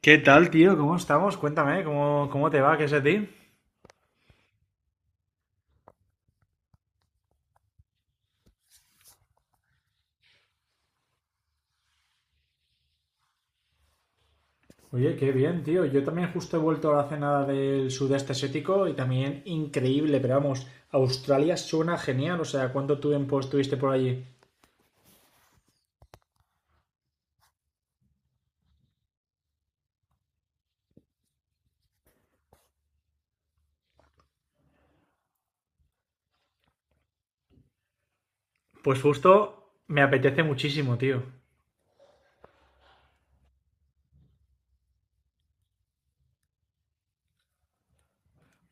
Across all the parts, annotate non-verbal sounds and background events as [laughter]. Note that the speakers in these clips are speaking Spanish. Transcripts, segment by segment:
¿Qué tal, tío? ¿Cómo estamos? Cuéntame, ¿cómo te va? ¿Qué es de ti? Oye, qué bien, tío. Yo también justo he vuelto a la cena del sudeste asiático y también increíble, pero vamos, Australia suena genial. O sea, ¿cuánto tiempo estuviste por allí? Pues justo me apetece muchísimo, tío.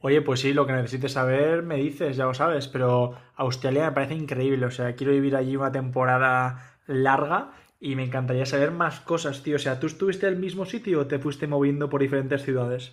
Oye, pues sí, lo que necesites saber me dices, ya lo sabes, pero Australia me parece increíble. O sea, quiero vivir allí una temporada larga y me encantaría saber más cosas, tío. O sea, ¿tú estuviste en el mismo sitio o te fuiste moviendo por diferentes ciudades?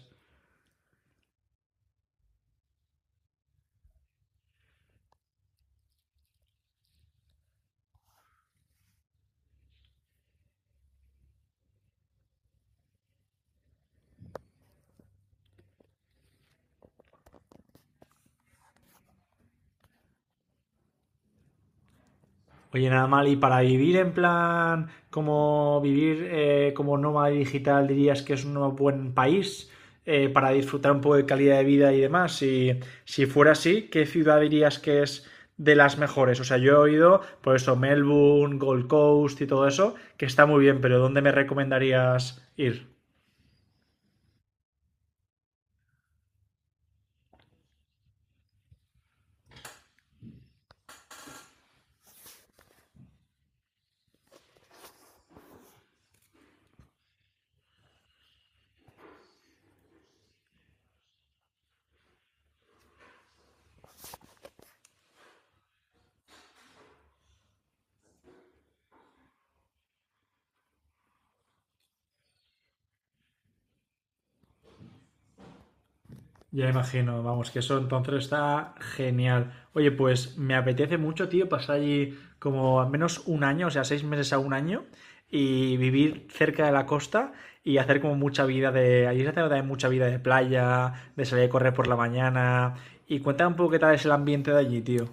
Oye, nada mal, y para vivir en plan, como vivir como nómada digital, dirías que es un buen país, para disfrutar un poco de calidad de vida y demás. Si, si fuera así, ¿qué ciudad dirías que es de las mejores? O sea, yo he oído, por eso, Melbourne, Gold Coast y todo eso, que está muy bien, pero ¿dónde me recomendarías ir? Ya imagino, vamos, que eso entonces está genial. Oye, pues me apetece mucho, tío, pasar allí como al menos un año, o sea, seis meses a un año, y vivir cerca de la costa y hacer como mucha vida de. Allí se hace también mucha vida de playa, de salir a correr por la mañana. Y cuéntame un poco qué tal es el ambiente de allí, tío.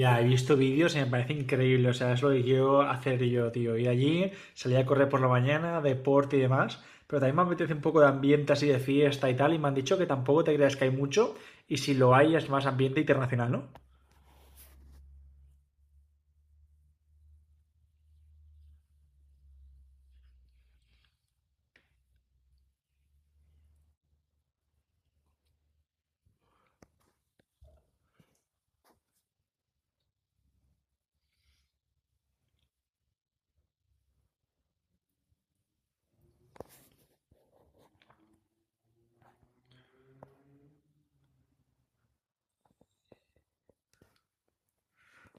Ya, he visto vídeos y me parece increíble, o sea, es lo que quiero hacer yo, tío. Ir allí, salir a correr por la mañana, deporte y demás, pero también me apetece un poco de ambiente así de fiesta y tal, y me han dicho que tampoco te creas que hay mucho, y si lo hay es más ambiente internacional, ¿no?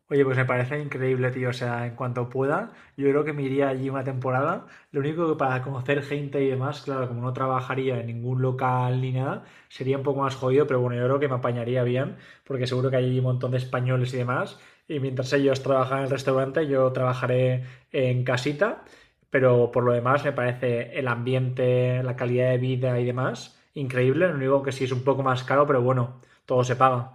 Oye, pues me parece increíble, tío. O sea, en cuanto pueda, yo creo que me iría allí una temporada. Lo único que para conocer gente y demás, claro, como no trabajaría en ningún local ni nada, sería un poco más jodido, pero bueno, yo creo que me apañaría bien, porque seguro que hay un montón de españoles y demás. Y mientras ellos trabajan en el restaurante, yo trabajaré en casita. Pero por lo demás, me parece el ambiente, la calidad de vida y demás, increíble. Lo único que sí es un poco más caro, pero bueno, todo se paga.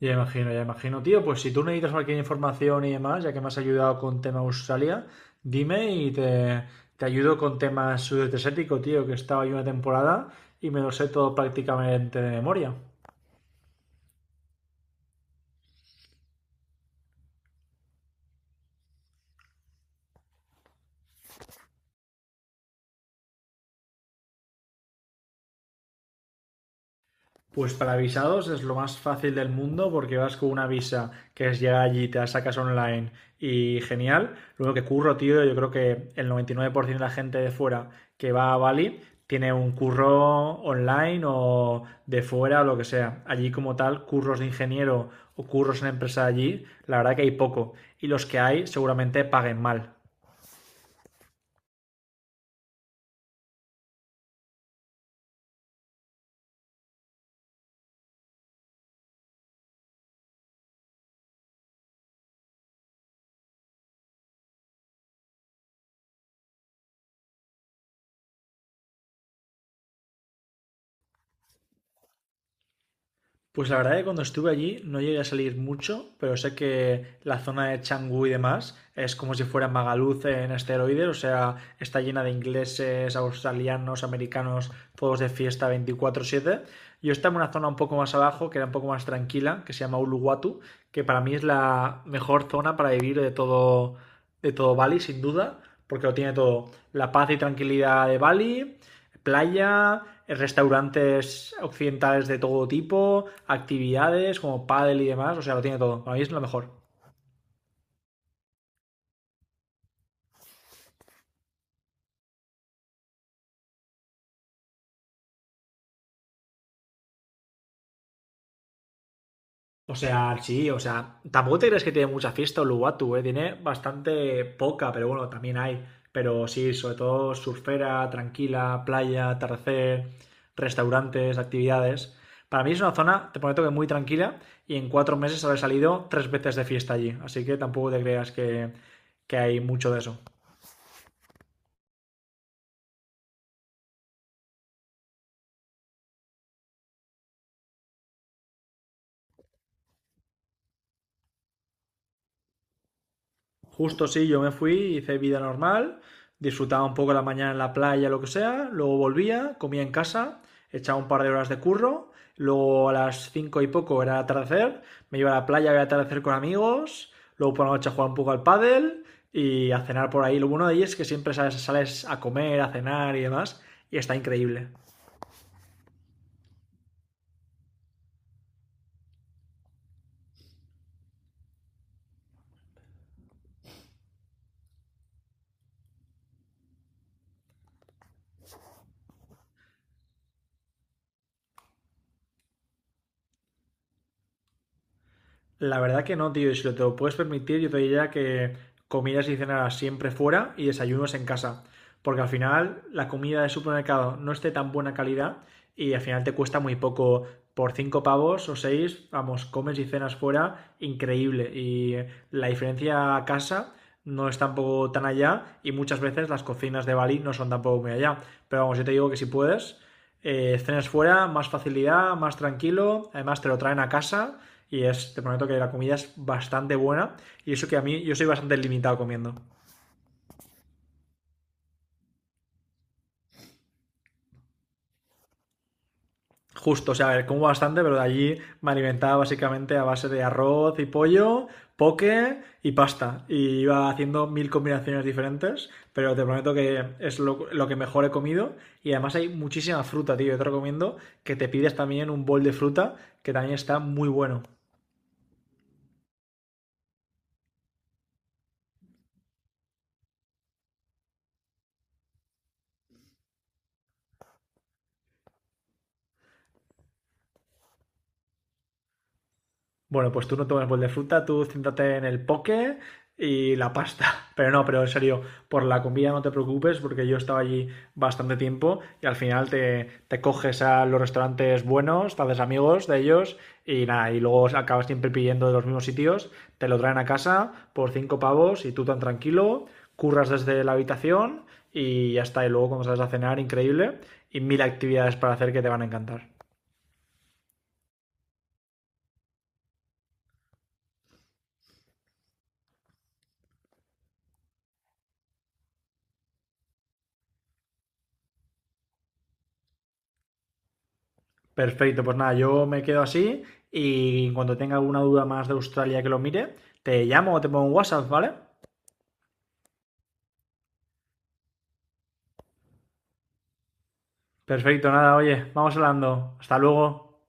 Ya imagino, ya imagino. Tío, pues si tú necesitas cualquier información y demás, ya que me has ayudado con tema Australia, dime y te ayudo con temas sudeste asiático, tío, que estaba ahí una temporada y me lo sé todo prácticamente de memoria. Pues para visados es lo más fácil del mundo porque vas con una visa que es llegar allí, te la sacas online y genial. Luego que curro, tío, yo creo que el 99% de la gente de fuera que va a Bali tiene un curro online o de fuera o lo que sea. Allí como tal, curros de ingeniero o curros en empresa allí, la verdad que hay poco. Y los que hay seguramente paguen mal. Pues la verdad que cuando estuve allí no llegué a salir mucho, pero sé que la zona de Canggu y demás es como si fuera Magaluz en esteroides, o sea, está llena de ingleses, australianos, americanos, todos de fiesta 24/7. Yo estaba en una zona un poco más abajo, que era un poco más tranquila, que se llama Uluwatu, que para mí es la mejor zona para vivir de todo Bali, sin duda, porque lo tiene todo. La paz y tranquilidad de Bali, playa, restaurantes occidentales de todo tipo, actividades como pádel y demás, o sea, lo tiene todo. Para mí es lo mejor. O sea, sí, o sea, tampoco te crees que tiene mucha fiesta Uluwatu, ¿eh? Tiene bastante poca, pero bueno, también hay. Pero sí, sobre todo surfera, tranquila, playa, atardecer, restaurantes, actividades. Para mí es una zona, te prometo que muy tranquila, y en 4 meses habré salido 3 veces de fiesta allí. Así que tampoco te creas que hay mucho de eso. Justo sí, yo me fui, hice vida normal, disfrutaba un poco la mañana en la playa, lo que sea, luego volvía, comía en casa, echaba un par de horas de curro, luego a las 5 y poco era atardecer, me iba a la playa, a atardecer con amigos, luego por la noche a un poco al pádel y a cenar por ahí. Lo bueno de ahí es que siempre sales, sales a comer, a cenar y demás, y está increíble. La verdad que no, tío. Y si lo te lo puedes permitir, yo te diría que comidas y cenas siempre fuera y desayunos en casa. Porque al final la comida de supermercado no esté tan buena calidad y al final te cuesta muy poco. Por cinco pavos o seis, vamos, comes y cenas fuera, increíble. Y la diferencia a casa no es tampoco tan allá y muchas veces las cocinas de Bali no son tampoco muy allá. Pero vamos, yo te digo que si puedes, cenas fuera, más facilidad, más tranquilo, además te lo traen a casa y es, te prometo que la comida es bastante buena. Y eso que a mí, yo soy bastante limitado comiendo. Justo, o sea, a ver, como bastante, pero de allí me alimentaba básicamente a base de arroz y pollo, poke y pasta. Y iba haciendo mil combinaciones diferentes, pero te prometo que es lo que mejor he comido. Y además hay muchísima fruta, tío. Yo te recomiendo que te pides también un bol de fruta, que también está muy bueno. Bueno, pues tú no tomes bol de fruta, tú céntrate en el poke y la pasta. [laughs] Pero no, pero en serio, por la comida no te preocupes porque yo estaba allí bastante tiempo y al final te coges a los restaurantes buenos, te haces amigos de ellos y nada, y luego acabas siempre pidiendo de los mismos sitios, te lo traen a casa por cinco pavos y tú tan tranquilo, curras desde la habitación y ya está. Y luego cuando sales a cenar, increíble y mil actividades para hacer que te van a encantar. Perfecto, pues nada, yo me quedo así y cuando tenga alguna duda más de Australia que lo mire, te llamo o te pongo un WhatsApp, ¿vale? Perfecto, nada, oye, vamos hablando. Hasta luego.